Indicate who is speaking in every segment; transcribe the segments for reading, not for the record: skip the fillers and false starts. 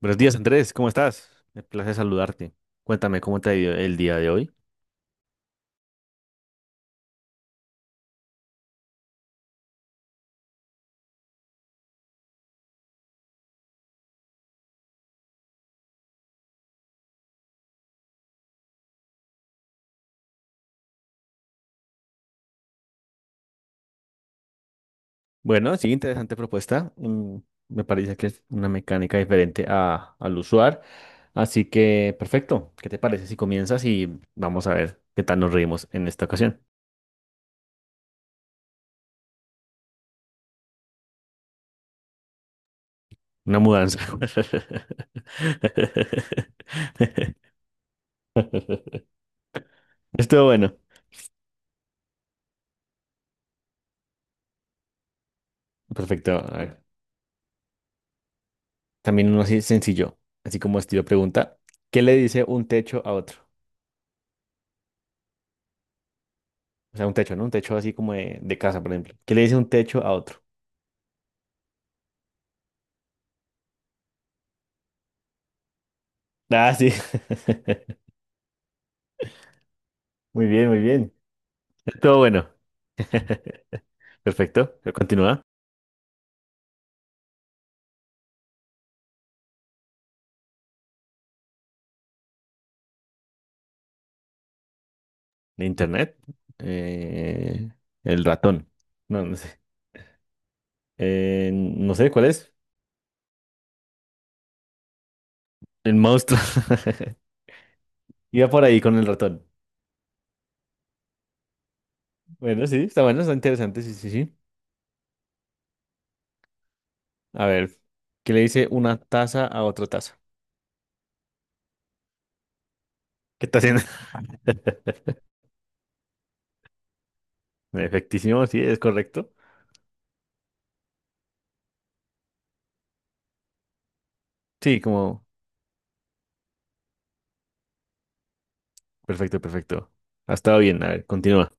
Speaker 1: Buenos días, Andrés, ¿cómo estás? Me place saludarte. Cuéntame, ¿cómo te ha ido el día de hoy? Bueno, sí, interesante propuesta. Me parece que es una mecánica diferente al usual. Así que, perfecto. ¿Qué te parece si comienzas y vamos a ver qué tal nos reímos en esta ocasión? Una mudanza. Estuvo bueno. Perfecto. A ver, también uno así sencillo, así como estilo pregunta. ¿Qué le dice un techo a otro? O sea, un techo, ¿no? Un techo así como de casa, por ejemplo. ¿Qué le dice un techo a otro? Ah, sí. Muy bien, muy bien. Todo bueno. Perfecto. Continúa. Internet. Eh, el ratón. No, no sé. No sé cuál es. El monstruo. Iba por ahí con el ratón. Bueno, sí, está bueno, está interesante. Sí, sí, sí. A ver, ¿qué le dice una taza a otra taza? ¿Qué está haciendo? Efectísimo, sí, es correcto. Sí, como perfecto, perfecto. Ha estado bien. A ver, continúa.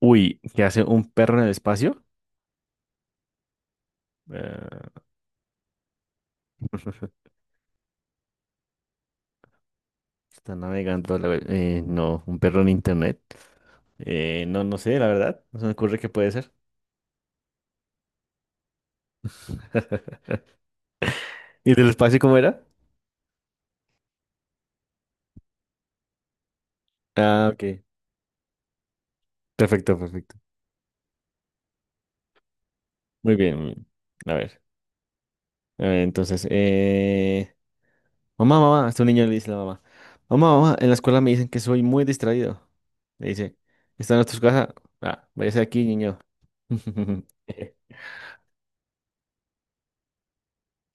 Speaker 1: Uy, ¿qué hace un perro en el espacio? Eh, está navegando la web. No, un perro en internet. No, no sé, la verdad. No se me ocurre qué puede ser. ¿Y del espacio cómo era? Ah, ok. Perfecto, perfecto. Muy bien, muy bien. A ver. A ver, entonces, mamá, mamá. Este niño le dice a la mamá. Mamá, mamá, en la escuela me dicen que soy muy distraído. Le dice. ¿Están en tu casa? Ah, váyase de aquí, niño.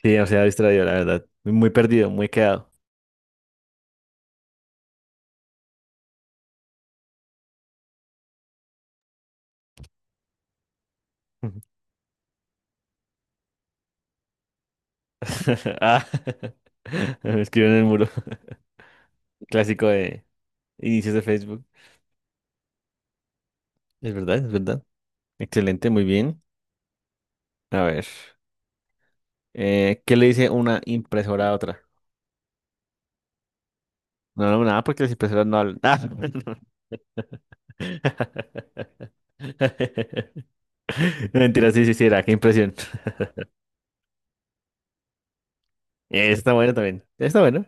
Speaker 1: Sí, o sea, distraído, la verdad. Muy perdido, muy quedado. Ah, me escribió en el muro. Clásico de inicios de Facebook. Es verdad, es verdad. Excelente, muy bien. A ver, ¿qué le dice una impresora a otra? No, no, nada, porque las impresoras no hablan. Ah, no. Mentira, sí, sí, sí, era. Qué impresión. Está bueno también. Está bueno.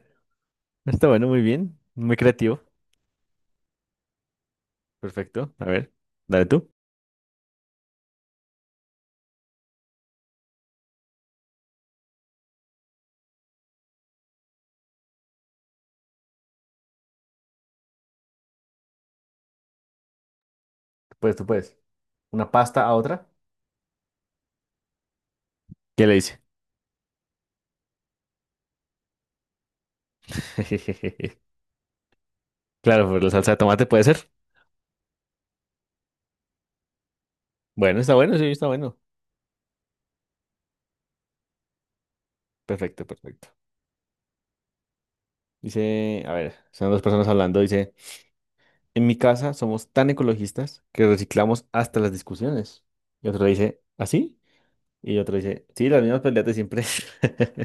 Speaker 1: Está bueno, muy bien. Muy creativo. Perfecto. A ver, dale tú. Tú puedes, tú puedes. ¿Una pasta a otra? ¿Qué le dice? Claro, por la salsa de tomate puede ser. Bueno, está bueno, sí, está bueno. Perfecto, perfecto. Dice, a ver, son dos personas hablando. Dice, en mi casa somos tan ecologistas que reciclamos hasta las discusiones. Y otro dice, ¿así? Y otro dice, sí, las mismas peleas de siempre.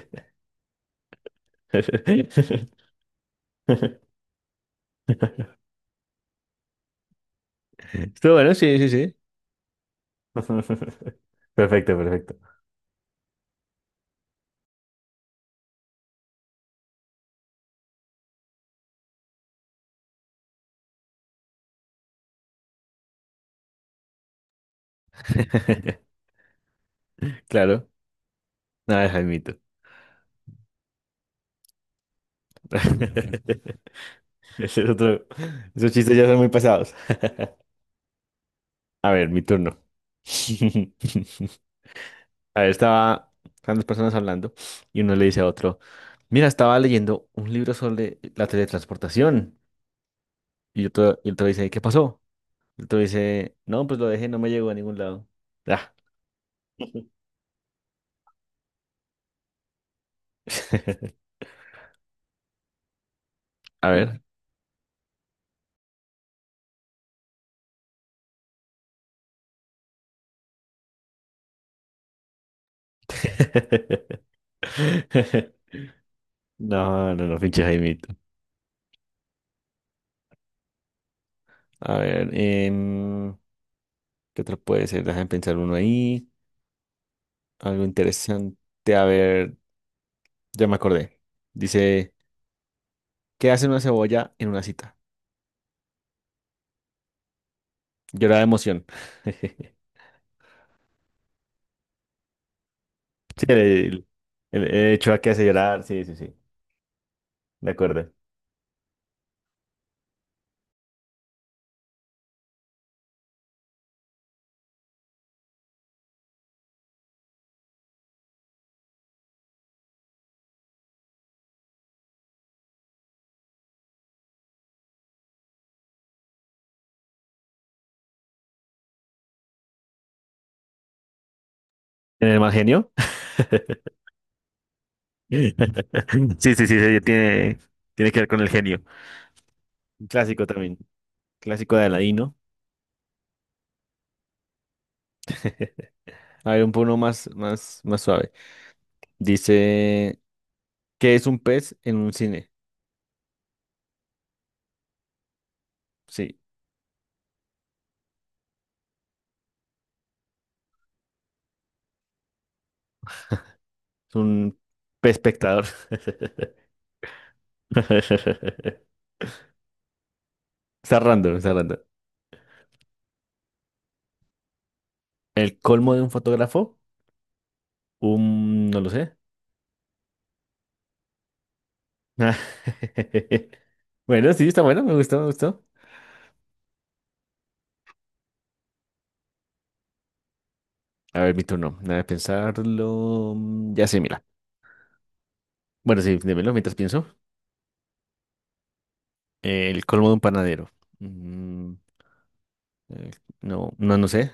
Speaker 1: Estuvo bueno, sí, sí, sí. Perfecto, perfecto. Claro, nada, Jaimito. Ese es otro. Esos chistes ya son muy pasados. A ver, mi turno. Ahí estaban dos personas hablando y uno le dice a otro, mira, estaba leyendo un libro sobre la teletransportación. Y otro dice, ¿qué pasó? Y otro dice, no, pues lo dejé, no me llegó a ningún lado. Ah. A ver. No, no, no, pinche Jaimito. A ver, ¿qué otro puede ser? Déjame pensar uno ahí. Algo interesante. A ver, ya me acordé. Dice, ¿qué hace una cebolla en una cita? Llorar de emoción. Sí, el Chua que hace llorar, sí, sí, sí, de acuerdo. ¿Tiene más genio? Sí, sí, sí, sí, tiene, tiene que ver con el genio. Un clásico también, clásico de Aladino. A ver, un poco más, más, más suave. Dice, ¿qué es un pez en un cine? Sí, es un pez espectador. Está random, está random. ¿El colmo de un fotógrafo? Un, no lo sé. Bueno, sí, está bueno, me gustó, me gustó. A ver, mi turno. Nada de pensarlo. Mm, ya sé, mira. Bueno, sí, démelo mientras pienso. El colmo de un panadero. Mm, eh, no, no, no sé.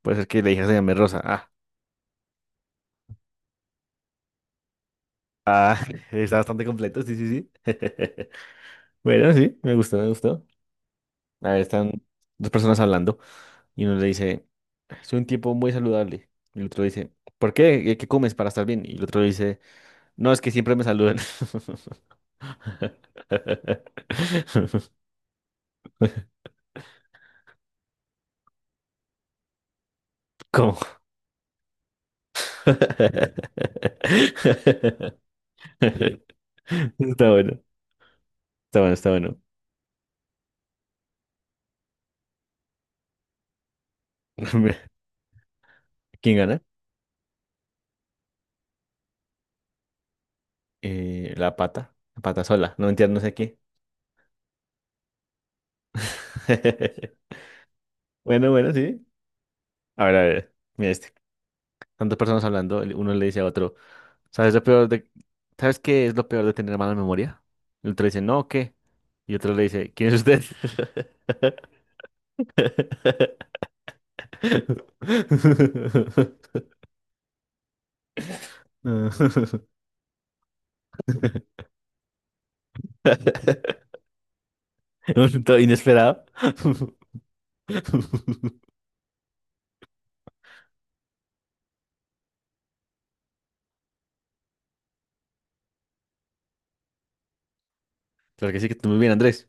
Speaker 1: Puede ser que la hija se llame Rosa. Ah, está bastante completo. Sí, sí, sí. Bueno, sí, me gustó, me gustó. A ver, están dos personas hablando y uno le dice, soy un tipo muy saludable. Y el otro dice, ¿por qué? ¿Qué comes para estar bien? Y el otro le dice, no, es que siempre me saludan. ¿Cómo? Está bueno, está bueno, está bueno. ¿Quién gana? La pata sola, no entiendo, no sé qué. Bueno, bueno, sí. A ver, mira este. Tantas personas hablando, el- uno le dice a otro, ¿sabes lo peor de... ¿Sabes qué es lo peor de tener mala memoria? El otro dice, no, ¿qué? Y otro le dice, ¿quién es usted? Todo inesperado. Claro que sí, que tú muy bien, Andrés.